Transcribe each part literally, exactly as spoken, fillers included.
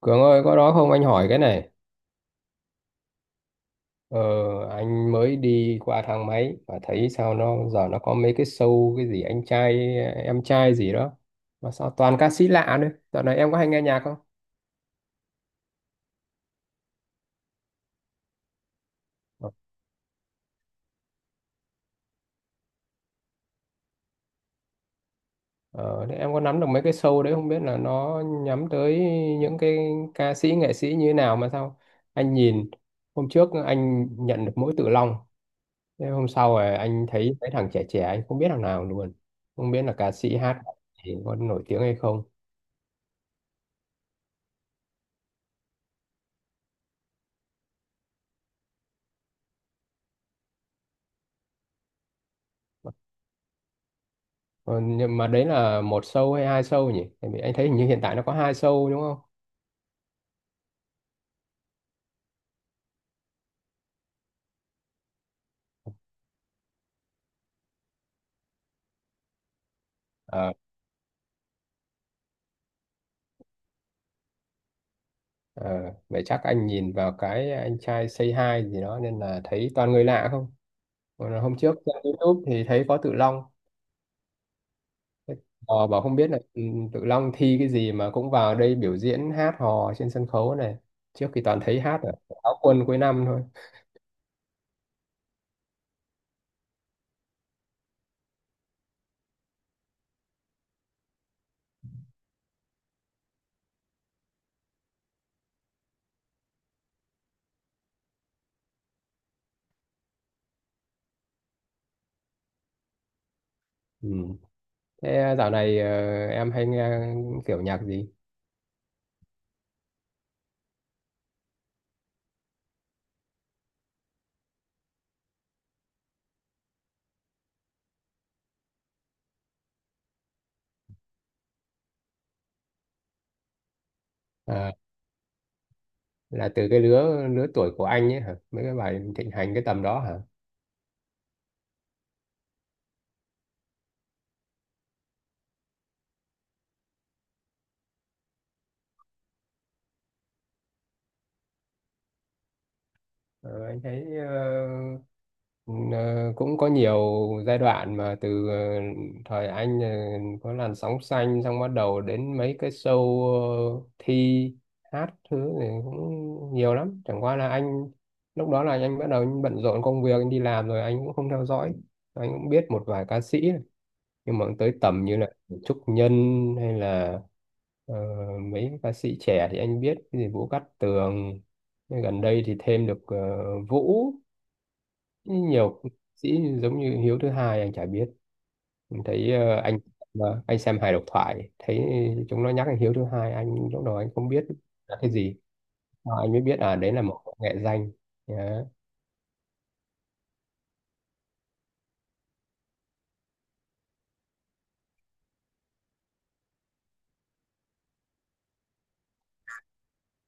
Cường ơi, có đó không anh hỏi cái này. Ờ, anh mới đi qua thang máy và thấy sao nó giờ nó có mấy cái show cái gì anh trai em trai gì đó mà sao toàn ca sĩ lạ nữa. Dạo này em có hay nghe nhạc không? Ờ, Thế em có nắm được mấy cái show đấy, không biết là nó nhắm tới những cái ca sĩ nghệ sĩ như thế nào mà sao anh nhìn hôm trước anh nhận được mỗi Tự Long, thế hôm sau rồi anh thấy mấy thằng trẻ trẻ anh không biết thằng nào luôn, không biết là ca sĩ hát thì có nổi tiếng hay không. Ờ, nhưng mà đấy là một show hay hai show nhỉ? Tại vì anh thấy hình như hiện tại nó có hai show đúng không? Ờ, Ờ, Vậy chắc anh nhìn vào cái anh trai Say Hi gì đó nên là thấy toàn người lạ không? Còn là hôm trước trên YouTube thì thấy có Tự Long. Ờ, Bảo không biết là ừ, Tự Long thi cái gì mà cũng vào đây biểu diễn hát hò trên sân khấu này. Trước thì toàn thấy hát ở áo quân cuối năm thôi. Ừ. Thế dạo này ờ, em hay nghe kiểu nhạc gì? Ờ, là từ cái lứa lứa tuổi của anh ấy hả, mấy cái bài thịnh hành cái tầm đó hả? Ờ, anh thấy ờ, ờ, cũng có nhiều giai đoạn mà từ ờ, thời anh ờ, có làn sóng xanh xong bắt đầu đến mấy cái show ờ, thi hát thứ thì cũng nhiều lắm, chẳng qua là anh lúc đó là anh bắt đầu bận rộn công việc, anh đi làm rồi anh cũng không theo dõi. Anh cũng biết một vài ca sĩ nhưng mà tới tầm như là Trúc Nhân hay là ờ, mấy ca sĩ trẻ thì anh biết cái gì Vũ Cát Tường. Nhưng gần đây thì thêm được ờ, Vũ, nhiều ca sĩ giống như Hiếu thứ hai anh chả biết. Mình thấy ờ, anh mà anh xem hài độc thoại thấy chúng nó nhắc đến Hiếu thứ hai, anh lúc đầu anh không biết là cái gì. Sau anh mới biết à đấy là một nghệ danh. Đó.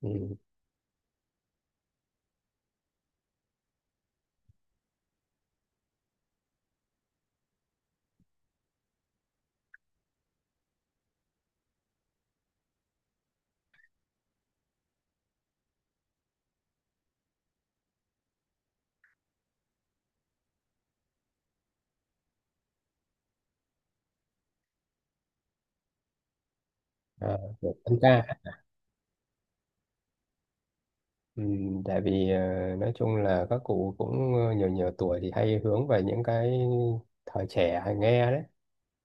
Ừ. À, của tân ca. Ừ, tại vì ờ, nói chung là các cụ cũng ờ, nhiều nhiều tuổi thì hay hướng về những cái thời trẻ hay nghe đấy,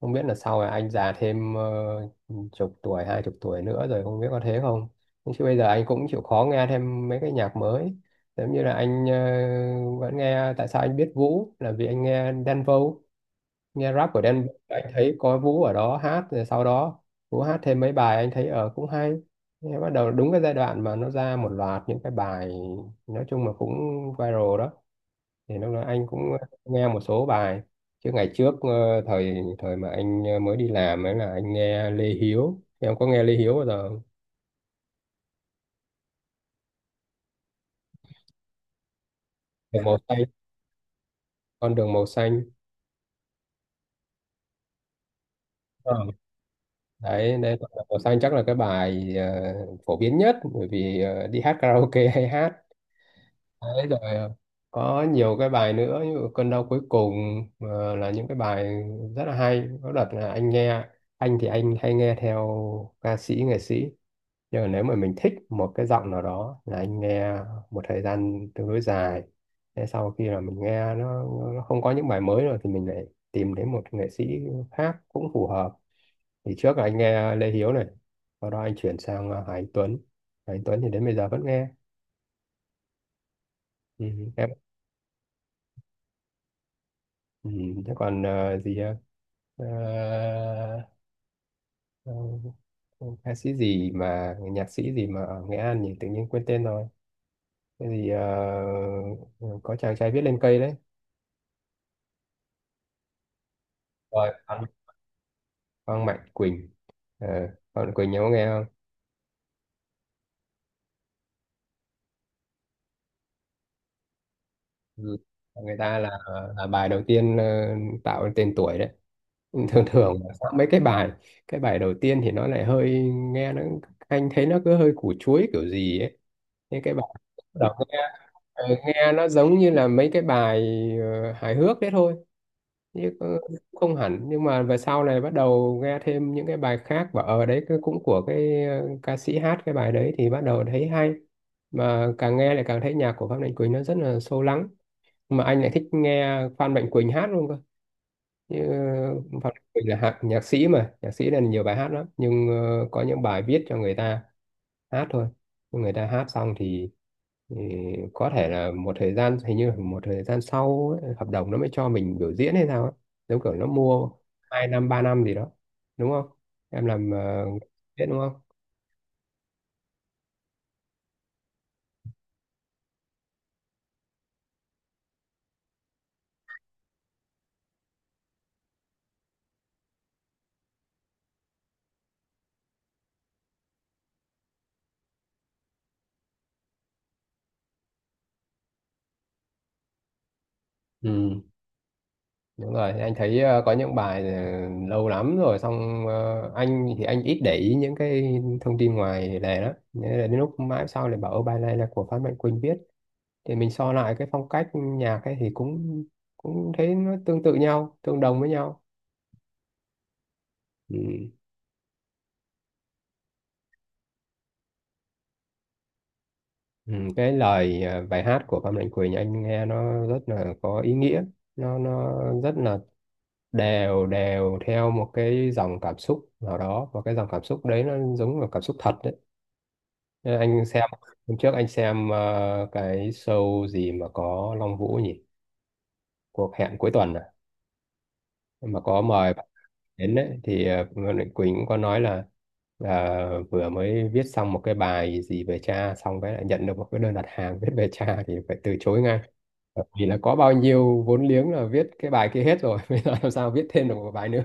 không biết là sau này anh già thêm ờ, chục tuổi hai chục tuổi nữa rồi không biết có thế không. Nhưng chứ bây giờ anh cũng chịu khó nghe thêm mấy cái nhạc mới, giống như là anh ờ, vẫn nghe. Tại sao anh biết Vũ là vì anh nghe Đen Vâu, nghe rap của Đen Vâu, anh thấy có Vũ ở đó hát, rồi sau đó Vũ hát thêm mấy bài anh thấy ở cũng hay. Nghe bắt đầu đúng cái giai đoạn mà nó ra một loạt những cái bài nói chung là cũng viral đó, thì lúc đó anh cũng ờ, nghe một số bài, chứ ngày trước ờ, thời thời mà anh ờ, mới đi làm ấy là anh nghe Lê Hiếu. Em có nghe Lê Hiếu bao giờ không? Đường màu xanh con đường màu xanh. Ờ. đấy đấy, con đường màu xanh chắc là cái bài ờ, phổ biến nhất, bởi vì ờ, đi hát karaoke hay hát. Đấy, rồi có nhiều cái bài nữa như cơn đau cuối cùng, ờ, là những cái bài rất là hay. Có đợt là anh nghe anh thì anh hay nghe theo ca sĩ nghệ sĩ, nhưng mà nếu mà mình thích một cái giọng nào đó là anh nghe một thời gian tương đối dài. Thế sau khi là mình nghe nó, nó không có những bài mới rồi thì mình lại tìm đến một nghệ sĩ khác cũng phù hợp. Thì trước là anh nghe Lê Hiếu này, sau đó anh chuyển sang ờ, Hà Anh Tuấn. Hà Anh Tuấn thì đến bây giờ vẫn nghe. Ừ. Ừ, thế còn ờ, gì ha? Ờ, ờ, ừ, ca sĩ gì mà nhạc sĩ gì mà ở Nghệ An nhỉ, tự nhiên quên tên rồi. Cái gì ờ, ừ, có chàng trai viết lên cây đấy. Rồi Phan Phan Mạnh Quỳnh. Ờ, Phan Mạnh Quỳnh nhớ nghe không? Ừ. Người ta là là bài đầu tiên ờ, tạo nên tên tuổi đấy. Thường thường là sang mấy cái bài, cái bài đầu tiên thì nó lại hơi nghe nó anh thấy nó cứ hơi củ chuối kiểu gì ấy. Thế cái bài đầu nghe ờ, nghe nó giống như là mấy cái bài ờ, hài hước đấy thôi, chứ cũng không hẳn. Nhưng mà về sau này bắt đầu nghe thêm những cái bài khác, và ở đấy cứ- cũng của cái ờ, ca sĩ hát cái bài đấy thì bắt đầu thấy hay. Mà càng nghe lại càng thấy nhạc của Phan Mạnh Quỳnh nó rất là sâu lắng, mà anh lại thích nghe Phan Mạnh Quỳnh hát luôn cơ. Như Phan Công Bình là hạ, nhạc sĩ mà, nhạc sĩ nên nhiều bài hát lắm, nhưng ờ, có những bài viết cho người ta hát thôi. Nhưng người ta hát xong thì, thì có thể là một thời gian, hình như là một thời gian sau ấy, hợp đồng nó mới cho mình biểu diễn hay sao ấy. Giống kiểu nó mua hai năm ba năm gì đó, đúng không? Em làm uh, biết đúng không? Ừ. Đúng rồi, anh thấy ờ, có những bài ờ, lâu lắm rồi, xong ờ, anh thì anh ít để ý những cái thông tin ngoài lề đó. Nên là đến lúc mãi sau lại bảo ô bài này là của Phan Mạnh Quỳnh viết, thì mình so lại cái phong cách nhạc ấy thì cũng cũng thấy nó tương tự nhau, tương đồng với nhau. Ừ. Ừ, cái lời ờ, bài hát của Phan Mạnh Quỳnh anh nghe nó rất là có ý nghĩa, nó nó rất là đều đều theo một cái dòng cảm xúc nào đó, và cái dòng cảm xúc đấy nó giống là cảm xúc thật. Thế Anh xem hôm trước anh xem ờ, cái show gì mà có Long Vũ nhỉ? Cuộc hẹn cuối tuần à? Mà có mời bạn đến đấy thì ờ, Nguyễn Mạnh Quỳnh cũng có nói là là vừa mới viết xong một cái bài gì về cha, xong cái lại nhận được một cái đơn đặt hàng viết về cha thì phải từ chối ngay. Bởi vì là có bao nhiêu vốn liếng là viết cái bài kia hết rồi, bây giờ làm sao viết thêm được một bài nữa.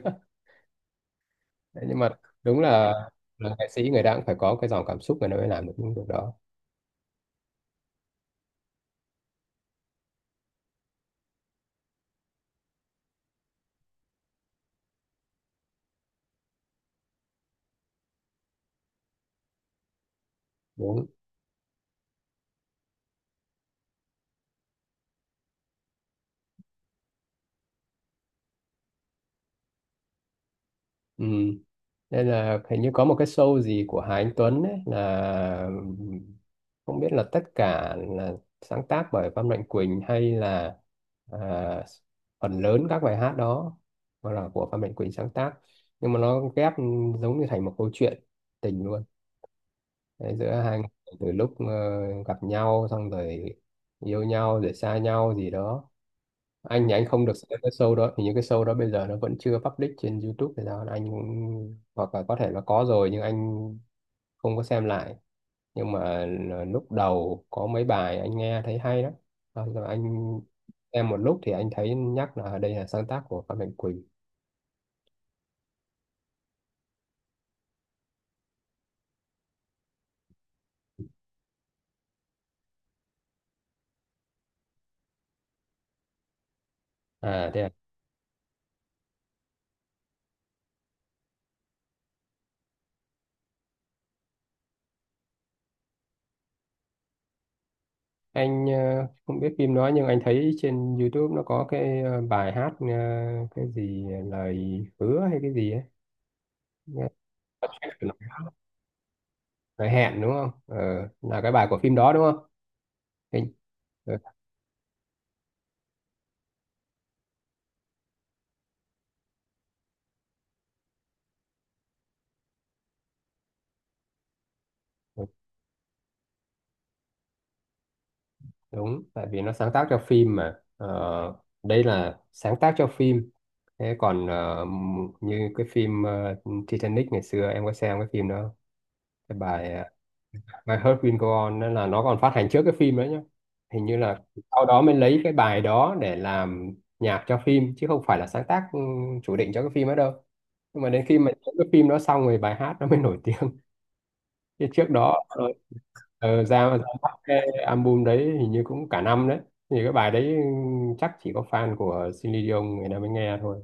Đấy, nhưng mà đúng là là nghệ sĩ người ta cũng phải có cái dòng cảm xúc người ta mới làm được những việc đó. Đúng. Ừ. Đây là hình như có một cái show gì của Hà Anh Tuấn đấy, là không biết là tất cả là sáng tác bởi Văn Mạnh Quỳnh hay là, à, phần lớn các bài hát đó mà là của Văn Mạnh Quỳnh sáng tác, nhưng mà nó ghép giống như thành một câu chuyện tình luôn. Đấy, giữa hai người từ lúc ờ, gặp nhau xong rồi yêu nhau rồi xa nhau gì đó. Anh thì anh không được xem cái show đó, thì những cái show đó bây giờ nó vẫn chưa public trên YouTube thì sao, anh cũng hoặc là có thể là có rồi nhưng anh không có xem lại. Nhưng mà là lúc đầu có mấy bài anh nghe thấy hay lắm. Xong rồi anh xem một lúc thì anh thấy nhắc là đây là sáng tác của Phan Mạnh Quỳnh. À thế à? Anh ờ, không biết phim đó, nhưng anh thấy trên YouTube nó có cái ờ, bài hát ờ, cái gì ờ, lời hứa hay cái gì ấy. Nghe- lời hẹn đúng không, ờ, là cái bài của phim đó đúng không? Hình- ờ, ờ, đúng, tại vì nó sáng tác cho phim mà, ờ, đây là sáng tác cho phim. Thế còn ờ, m- như cái phim ờ, Titanic, ngày xưa em có xem cái phim đó không? Cái bài ờ, My Heart Will Go On, nên là nó còn phát hành trước cái phim đấy nhá. Hình như là sau đó mới lấy cái bài đó để làm nhạc cho phim, chứ không phải là sáng tác ừ, chủ định cho cái phim ấy đâu. Nhưng mà đến khi mà những cái phim đó xong rồi bài hát nó mới nổi tiếng chứ trước đó ờ, ra ra mắt cái album đấy hình như cũng cả năm đấy, thì cái bài đấy ừ, chắc chỉ có fan của Celine Dion người ta mới nghe thôi.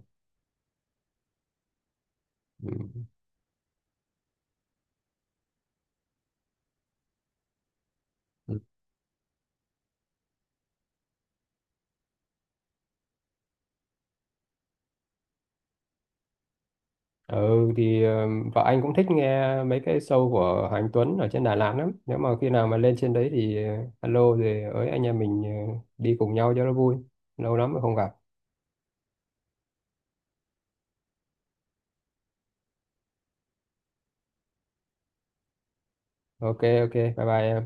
Ừ. Ừ thì ờ, vợ anh cũng thích nghe mấy cái show của Hoàng Tuấn ở trên Đà Lạt lắm. Nếu mà khi nào mà lên trên đấy thì ờ, alo rồi ờ, ới anh em mình ờ, đi cùng nhau cho nó vui. Lâu lắm rồi không gặp. Ok, ok, bye bye em.